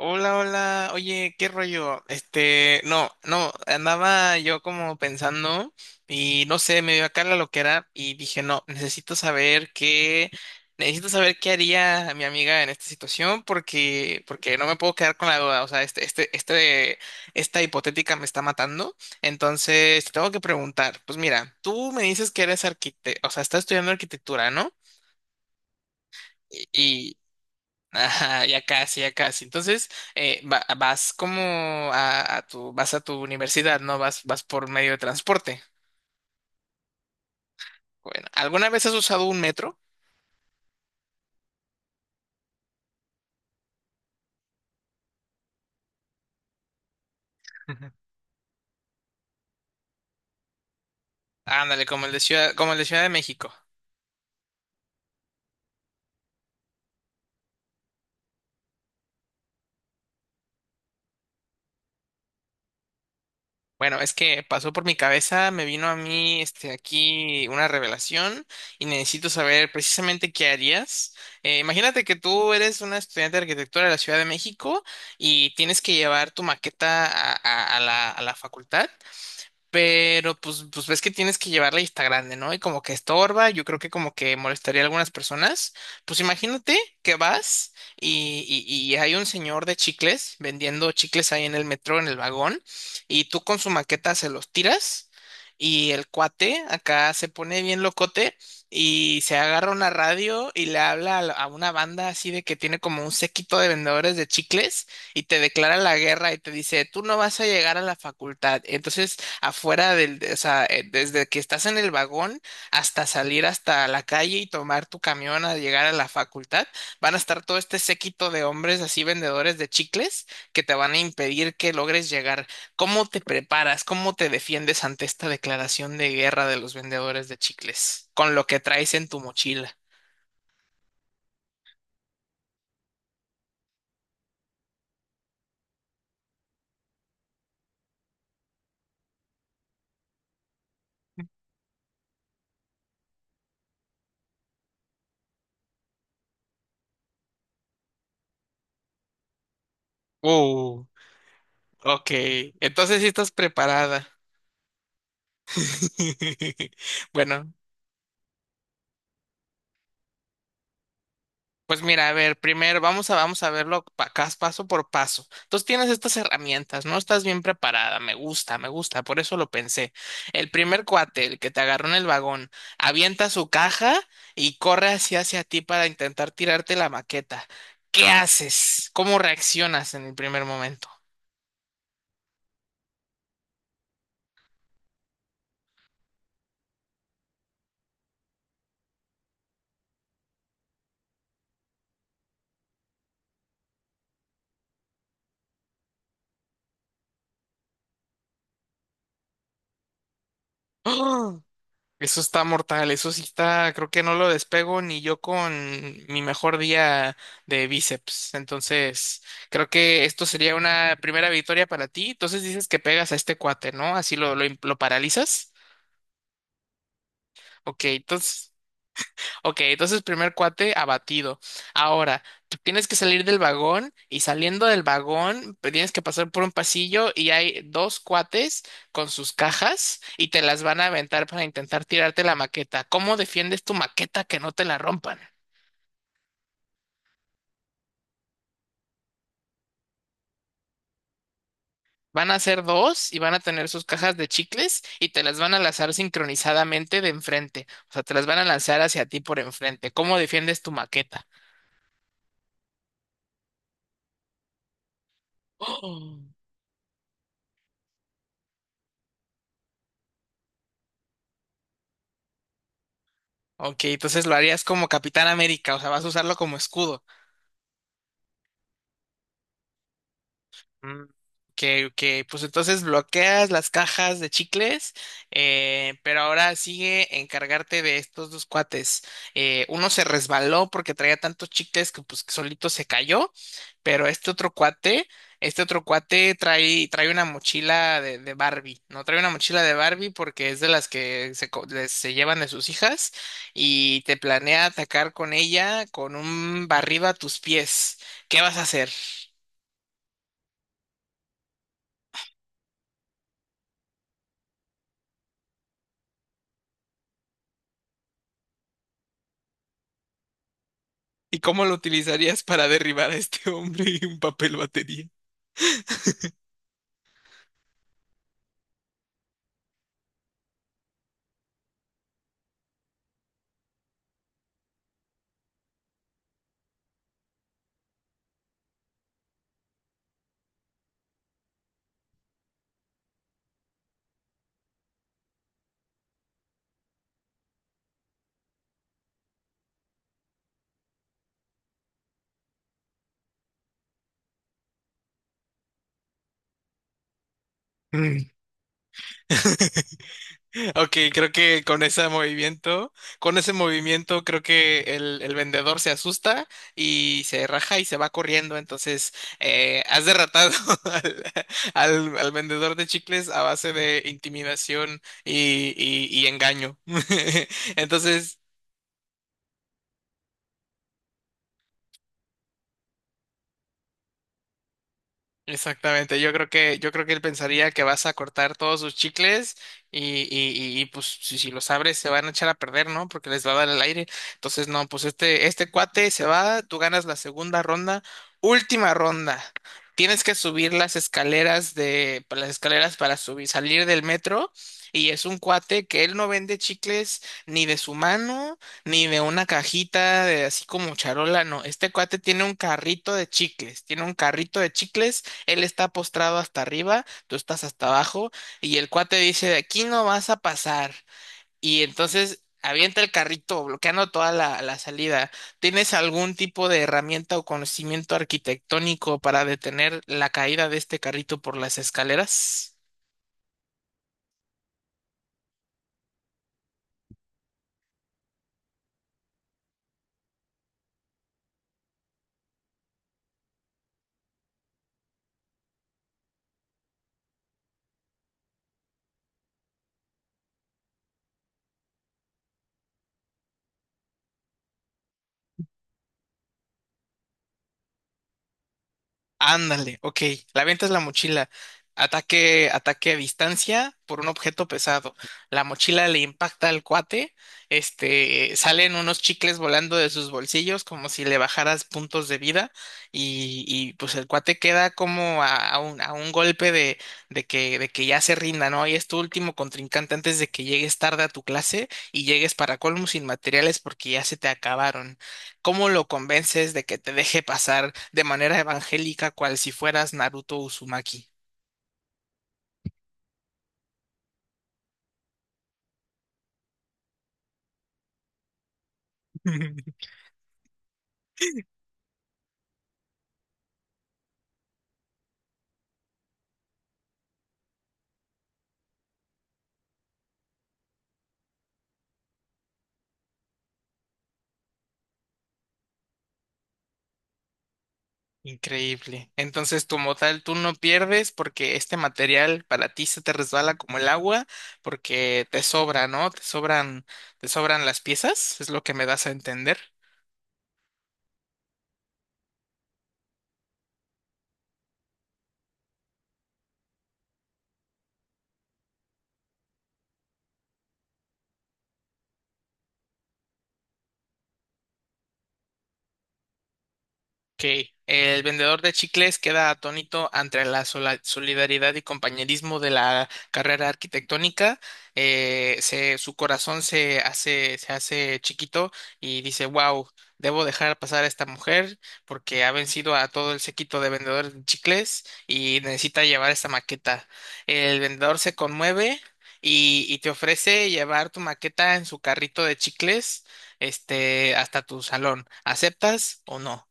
Hola, hola. Oye, ¿qué rollo? Este, no, no, andaba yo como pensando y no sé, me dio acá la loquera y dije, no, necesito saber qué haría mi amiga en esta situación porque no me puedo quedar con la duda. O sea, esta hipotética me está matando. Entonces, te tengo que preguntar, pues mira, tú me dices que eres arquitecto, o sea, estás estudiando arquitectura, ¿no? Y ajá, ya casi, ya casi. Entonces, vas como vas a tu universidad, ¿no? Vas por medio de transporte. Bueno, ¿alguna vez has usado un metro? Ujú. Ándale, como el de Ciudad de México. Bueno, es que pasó por mi cabeza, me vino a mí este, aquí una revelación y necesito saber precisamente qué harías. Imagínate que tú eres una estudiante de arquitectura de la Ciudad de México y tienes que llevar tu maqueta a la facultad. Pero pues ves que tienes que llevarla y está grande, ¿no? Y como que estorba, yo creo que como que molestaría a algunas personas. Pues imagínate que vas y hay un señor de chicles vendiendo chicles ahí en el metro, en el vagón, y tú con su maqueta se los tiras y el cuate acá se pone bien locote y se agarra una radio y le habla a, a una banda así de que tiene como un séquito de vendedores de chicles y te declara la guerra y te dice, tú no vas a llegar a la facultad. Entonces afuera o sea, desde que estás en el vagón hasta salir hasta la calle y tomar tu camión a llegar a la facultad, van a estar todo este séquito de hombres así vendedores de chicles que te van a impedir que logres llegar. ¿Cómo te preparas? ¿Cómo te defiendes ante esta declaración de guerra de los vendedores de chicles con lo que traes en tu mochila? Uh, ok. Entonces sí estás preparada. Bueno. Pues mira, a ver, primero vamos a, vamos a verlo paso por paso. Entonces tienes estas herramientas, ¿no? Estás bien preparada, me gusta, por eso lo pensé. El primer cuate, el que te agarró en el vagón, avienta su caja y corre hacia, hacia ti para intentar tirarte la maqueta. ¿Qué haces? ¿Cómo reaccionas en el primer momento? Eso está mortal, eso sí está, creo que no lo despego ni yo con mi mejor día de bíceps. Entonces, creo que esto sería una primera victoria para ti. Entonces dices que pegas a este cuate, ¿no? Así lo, im- lo paralizas. Ok, entonces. Ok, entonces primer cuate abatido. Ahora, tú tienes que salir del vagón y saliendo del vagón pues, tienes que pasar por un pasillo y hay dos cuates con sus cajas y te las van a aventar para intentar tirarte la maqueta. ¿Cómo defiendes tu maqueta que no te la rompan? Van a ser dos y van a tener sus cajas de chicles y te las van a lanzar sincronizadamente de enfrente. O sea, te las van a lanzar hacia ti por enfrente. ¿Cómo defiendes tu maqueta? Oh. Ok, entonces lo harías como Capitán América, o sea, vas a usarlo como escudo. Mm, que pues entonces bloqueas las cajas de chicles, pero ahora sigue encargarte de estos dos cuates. Uno se resbaló porque traía tantos chicles que pues solito se cayó, pero este otro cuate trae una mochila de Barbie, ¿no? Trae una mochila de Barbie porque es de las que se, se llevan de sus hijas y te planea atacar con ella con un barriba a tus pies. ¿Qué vas a hacer? ¿Y cómo lo utilizarías para derribar a este hombre en un papel batería? Mm. Ok, creo que con ese movimiento, creo que el vendedor se asusta y se raja y se va corriendo. Entonces, has derrotado al, al vendedor de chicles a base de intimidación y engaño. Entonces, exactamente, yo creo que él pensaría que vas a cortar todos sus chicles y, y, pues si los abres se van a echar a perder, ¿no? Porque les va a dar el aire. Entonces, no, pues este cuate se va, tú ganas la segunda ronda, última ronda. Tienes que subir las escaleras de, pues, las escaleras para subir, salir del metro, y es un cuate que él no vende chicles ni de su mano, ni de una cajita de así como charola, no. Este cuate tiene un carrito de chicles, tiene un carrito de chicles él está postrado hasta arriba, tú estás hasta abajo, y el cuate dice, de aquí no vas a pasar. Y entonces avienta el carrito, bloqueando toda la salida. ¿Tienes algún tipo de herramienta o conocimiento arquitectónico para detener la caída de este carrito por las escaleras? Ándale, ok. La venta es la mochila. Ataque a distancia por un objeto pesado. La mochila le impacta al cuate. Este, salen unos chicles volando de sus bolsillos como si le bajaras puntos de vida. Pues el cuate queda como a un golpe de, de que ya se rinda, ¿no? Y es tu último contrincante antes de que llegues tarde a tu clase y llegues para colmo sin materiales porque ya se te acabaron. ¿Cómo lo convences de que te deje pasar de manera evangélica cual si fueras Naruto Uzumaki? Increíble. Entonces, como tal, tú no pierdes porque este material para ti se te resbala como el agua porque te sobra, ¿no? Te sobran las piezas, es lo que me das a entender. Ok. El vendedor de chicles queda atónito ante la solidaridad y compañerismo de la carrera arquitectónica. Su corazón se hace chiquito y dice, wow, debo dejar pasar a esta mujer porque ha vencido a todo el séquito de vendedores de chicles y necesita llevar esta maqueta. El vendedor se conmueve y te ofrece llevar tu maqueta en su carrito de chicles, este, hasta tu salón. ¿Aceptas o no?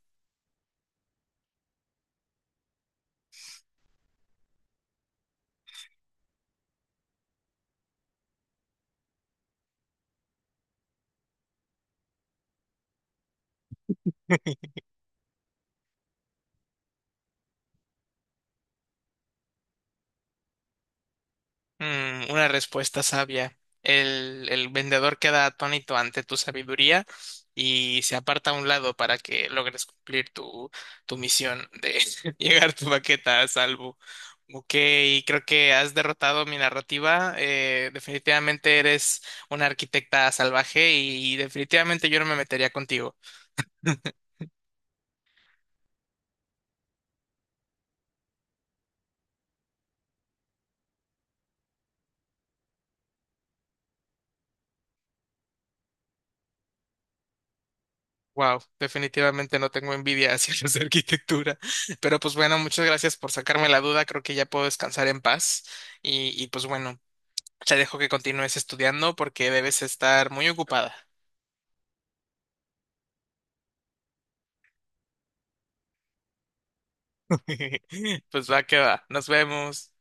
Mm, una respuesta sabia. El vendedor queda atónito ante tu sabiduría y se aparta a un lado para que logres cumplir tu, tu misión de llegar tu baqueta a salvo. Ok, creo que has derrotado mi narrativa. Eh, definitivamente eres una arquitecta salvaje y definitivamente yo no me metería contigo. Wow, definitivamente no tengo envidia hacia los de arquitectura. Pero pues bueno, muchas gracias por sacarme la duda. Creo que ya puedo descansar en paz. Y pues bueno, te dejo que continúes estudiando porque debes estar muy ocupada. Pues va que va. Nos vemos.